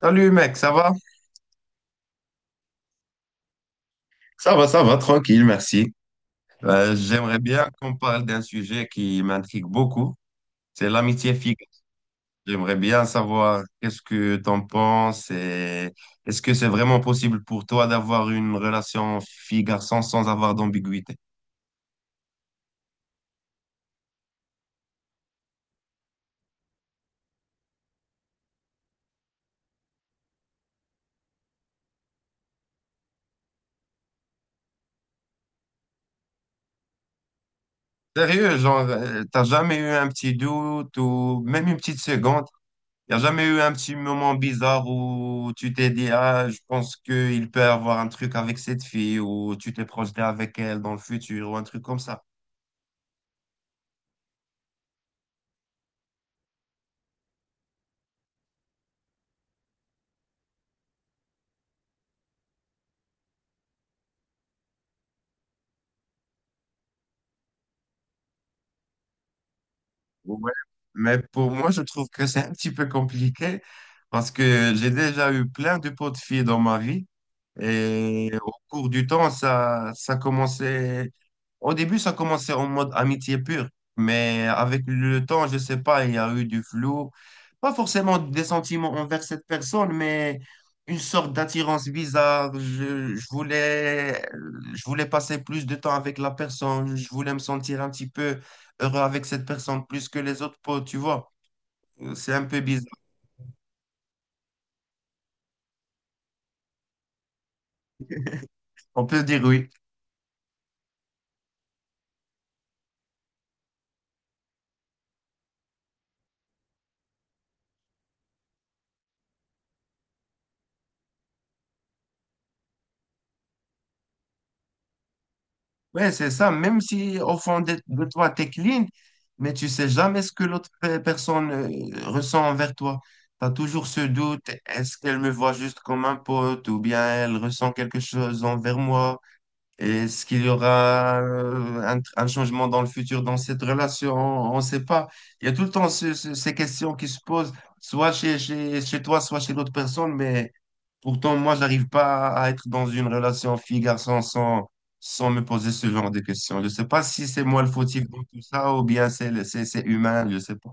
Salut mec, ça va? Ça va, ça va, tranquille, merci. J'aimerais bien qu'on parle d'un sujet qui m'intrigue beaucoup, c'est l'amitié fille. J'aimerais bien savoir qu'est-ce que t'en penses et est-ce que c'est vraiment possible pour toi d'avoir une relation fille-garçon sans avoir d'ambiguïté? Sérieux, genre, t'as jamais eu un petit doute ou même une petite seconde? Il n'y a jamais eu un petit moment bizarre où tu t'es dit, ah, je pense qu'il peut avoir un truc avec cette fille ou tu t'es projeté avec elle dans le futur ou un truc comme ça. Ouais. Mais pour moi, je trouve que c'est un petit peu compliqué parce que j'ai déjà eu plein de potes filles dans ma vie. Et au cours du temps, ça commençait. Au début, ça commençait en mode amitié pure. Mais avec le temps, je sais pas, il y a eu du flou. Pas forcément des sentiments envers cette personne, mais une sorte d'attirance bizarre. Je voulais passer plus de temps avec la personne. Je voulais me sentir un petit peu heureux avec cette personne plus que les autres potes, tu vois. C'est un peu bizarre. On peut dire oui. Ouais, c'est ça. Même si au fond de toi, t'es clean, mais tu sais jamais ce que l'autre personne ressent envers toi. Tu as toujours ce doute, est-ce qu'elle me voit juste comme un pote ou bien elle ressent quelque chose envers moi? Est-ce qu'il y aura un changement dans le futur dans cette relation? On ne sait pas. Il y a tout le temps ces questions qui se posent, soit chez toi, soit chez l'autre personne, mais pourtant, moi, j'arrive pas à être dans une relation fille-garçon sans, sans me poser ce genre de questions. Je sais pas si c'est moi le fautif dans tout ça ou bien c'est le- c'est humain, je sais pas.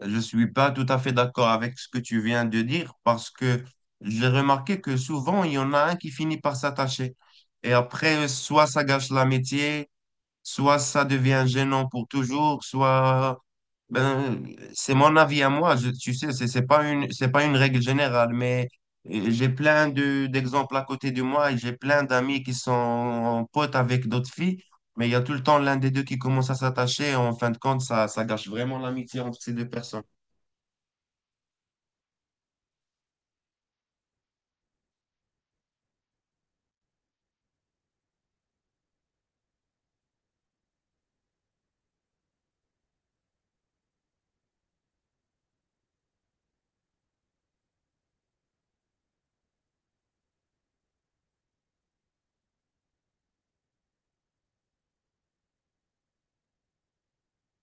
Je suis pas tout à fait d'accord avec ce que tu viens de dire parce que j'ai remarqué que souvent, il y en a un qui finit par s'attacher. Et après, soit ça gâche l'amitié, soit ça devient gênant pour toujours, soit ben, c'est mon avis à moi. Je, tu sais, c'est pas une règle générale, mais j'ai plein d'exemples à côté de moi et j'ai plein d'amis qui sont potes avec d'autres filles, mais il y a tout le temps l'un des deux qui commence à s'attacher. En fin de compte, ça gâche vraiment l'amitié entre ces deux personnes.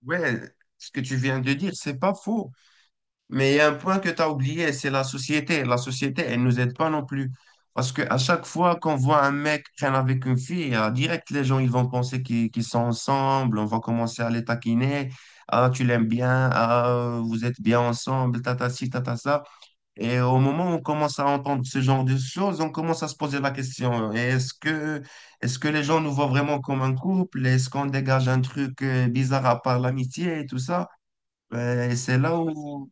Ouais, ce que tu viens de dire, c'est pas faux. Mais il y a un point que tu as oublié, c'est la société. La société, elle nous aide pas non plus. Parce que à chaque fois qu'on voit un mec traîner avec une fille, direct, les gens, ils vont penser qu'ils sont ensemble, on va commencer à les taquiner. Ah, tu l'aimes bien, ah, vous êtes bien ensemble, tata ci, tata ça. Et au moment où on commence à entendre ce genre de choses, on commence à se poser la question, est-ce que les gens nous voient vraiment comme un couple? Est-ce qu'on dégage un truc bizarre à part l'amitié et tout ça? Et c'est là où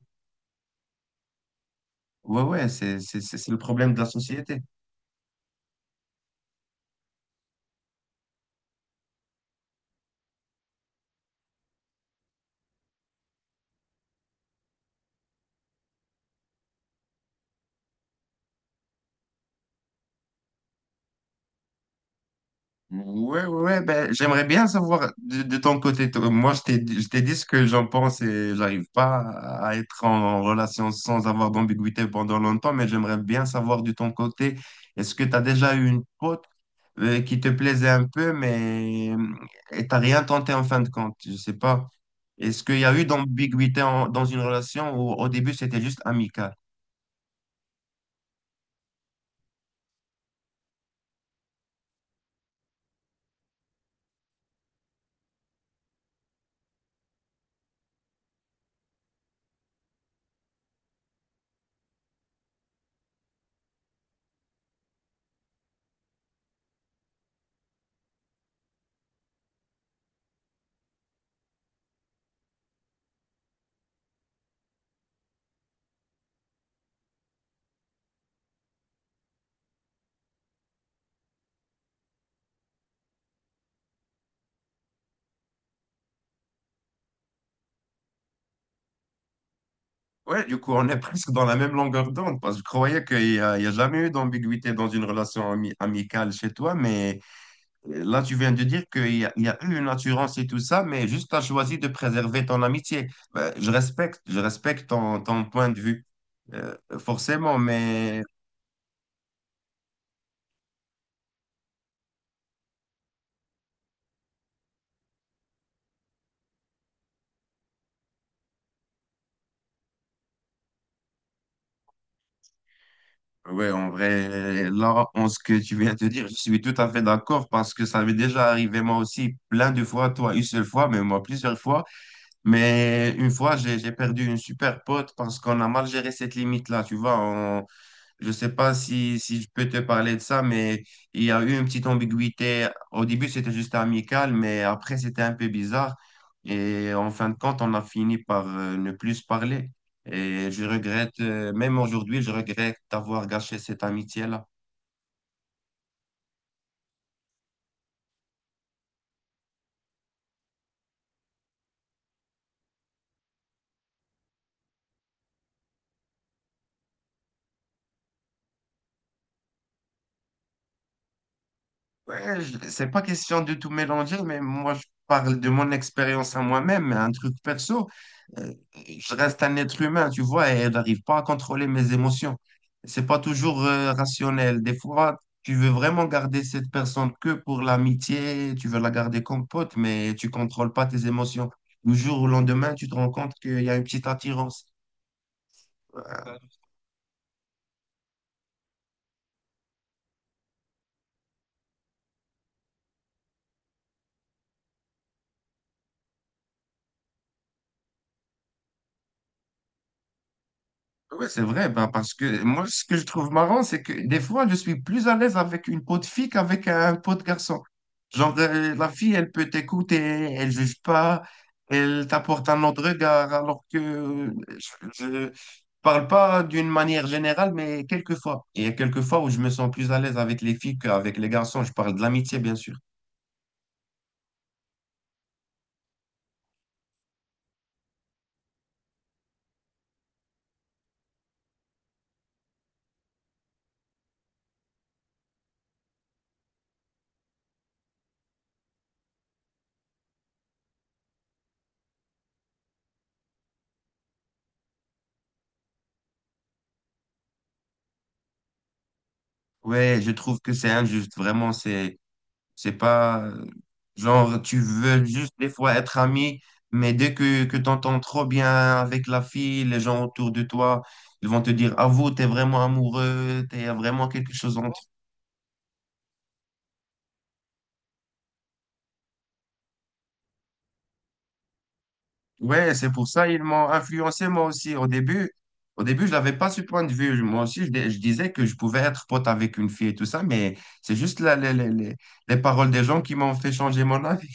ouais, c'est le problème de la société. Ouais, ouais, ouais, ben, j'aimerais bien savoir de ton côté. Toi. Moi, je t'ai dit ce que j'en pense et j'arrive pas à être en relation sans avoir d'ambiguïté pendant longtemps, mais j'aimerais bien savoir de ton côté, est-ce que tu as déjà eu une pote qui te plaisait un peu, mais et t'as rien tenté en fin de compte? Je sais pas. Est-ce qu'il y a eu d'ambiguïté dans une relation où au début c'était juste amical? Ouais, du coup, on est presque dans la même longueur d'onde parce que je croyais il y a jamais eu d'ambiguïté dans une relation amicale chez toi, mais là, tu viens de dire il y a eu une assurance et tout ça, mais juste tu as choisi de préserver ton amitié. Ben, je respecte ton, ton point de vue, euh, forcément, mais ouais, en vrai, là, en ce que tu viens de dire, je suis tout à fait d'accord parce que ça m'est déjà arrivé moi aussi plein de fois, toi une seule fois, mais moi plusieurs fois. Mais une fois, j'ai perdu une super pote parce qu'on a mal géré cette limite-là, tu vois. Je sais pas si, si je peux te parler de ça, mais il y a eu une petite ambiguïté. Au début, c'était juste amical, mais après, c'était un peu bizarre. Et en fin de compte, on a fini par ne plus se parler. Et je regrette, même aujourd'hui, je regrette d'avoir gâché cette amitié-là. Ouais, c'est pas question de tout mélanger, mais moi, je parle de mon expérience à moi-même, un truc perso. Euh, je reste un être humain, tu vois, et je n'arrive pas à contrôler mes émotions. C'est pas toujours rationnel. Des fois, tu veux vraiment garder cette personne que pour l'amitié, tu veux la garder comme pote, mais tu contrôles pas tes émotions. Du jour au lendemain, tu te rends compte qu'il y a une petite attirance. Oui, c'est vrai, bah, parce que moi, ce que je trouve marrant, c'est que des fois, je suis plus à l'aise avec une peau de fille qu'avec un peau de garçon. Genre, la fille, elle peut t'écouter, elle juge pas, elle t'apporte un autre regard, alors que je parle pas d'une manière générale, mais quelquefois. Il y a quelques fois où je me sens plus à l'aise avec les filles qu'avec les garçons. Je parle de l'amitié, bien sûr. Ouais, je trouve que c'est injuste, vraiment, c'est pas genre tu veux juste des fois être ami, mais dès que tu entends trop bien avec la fille, les gens autour de toi, ils vont te dire, ah vous, t'es vraiment amoureux, t'es vraiment quelque chose entre. Ouais, c'est pour ça ils m'ont influencé moi aussi. Au début, je n'avais pas ce point de vue. Moi aussi, je disais que je pouvais être pote avec une fille et tout ça, mais c'est juste les paroles des gens qui m'ont fait changer mon avis.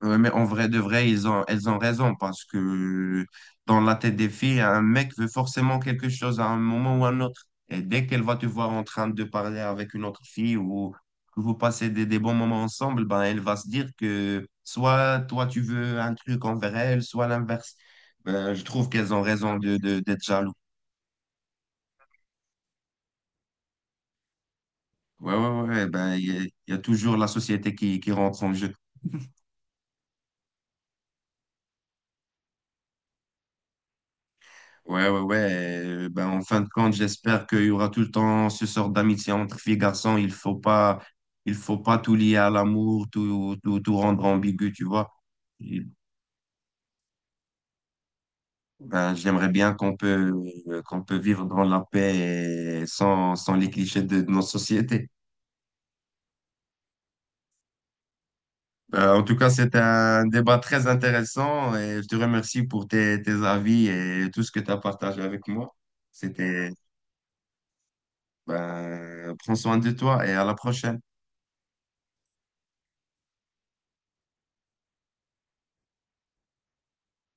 Ouais, mais en vrai de vrai, elles ont raison parce que dans la tête des filles, un mec veut forcément quelque chose à un moment ou à un autre. Et dès qu'elle va te voir en train de parler avec une autre fille ou que vous passez des bons moments ensemble, ben elle va se dire que soit toi tu veux un truc envers elle, soit l'inverse. Ben, je trouve qu'elles ont raison d'être jaloux. Ouais, ouais, ouais, il y a toujours la société qui rentre en jeu. Ouais, ouais, ouais. Ben, en fin de compte, j'espère qu'il y aura tout le temps ce sort d'amitié entre filles et garçons. Il faut pas tout lier à l'amour, tout, tout, tout rendre ambigu, tu vois. Et, ben, j'aimerais bien qu'on peut vivre dans la paix et sans, sans les clichés de nos sociétés. Ben, en tout cas, c'était un débat très intéressant et je te remercie pour tes, tes avis et tout ce que tu as partagé avec moi. C'était, ben, prends soin de toi et à la prochaine.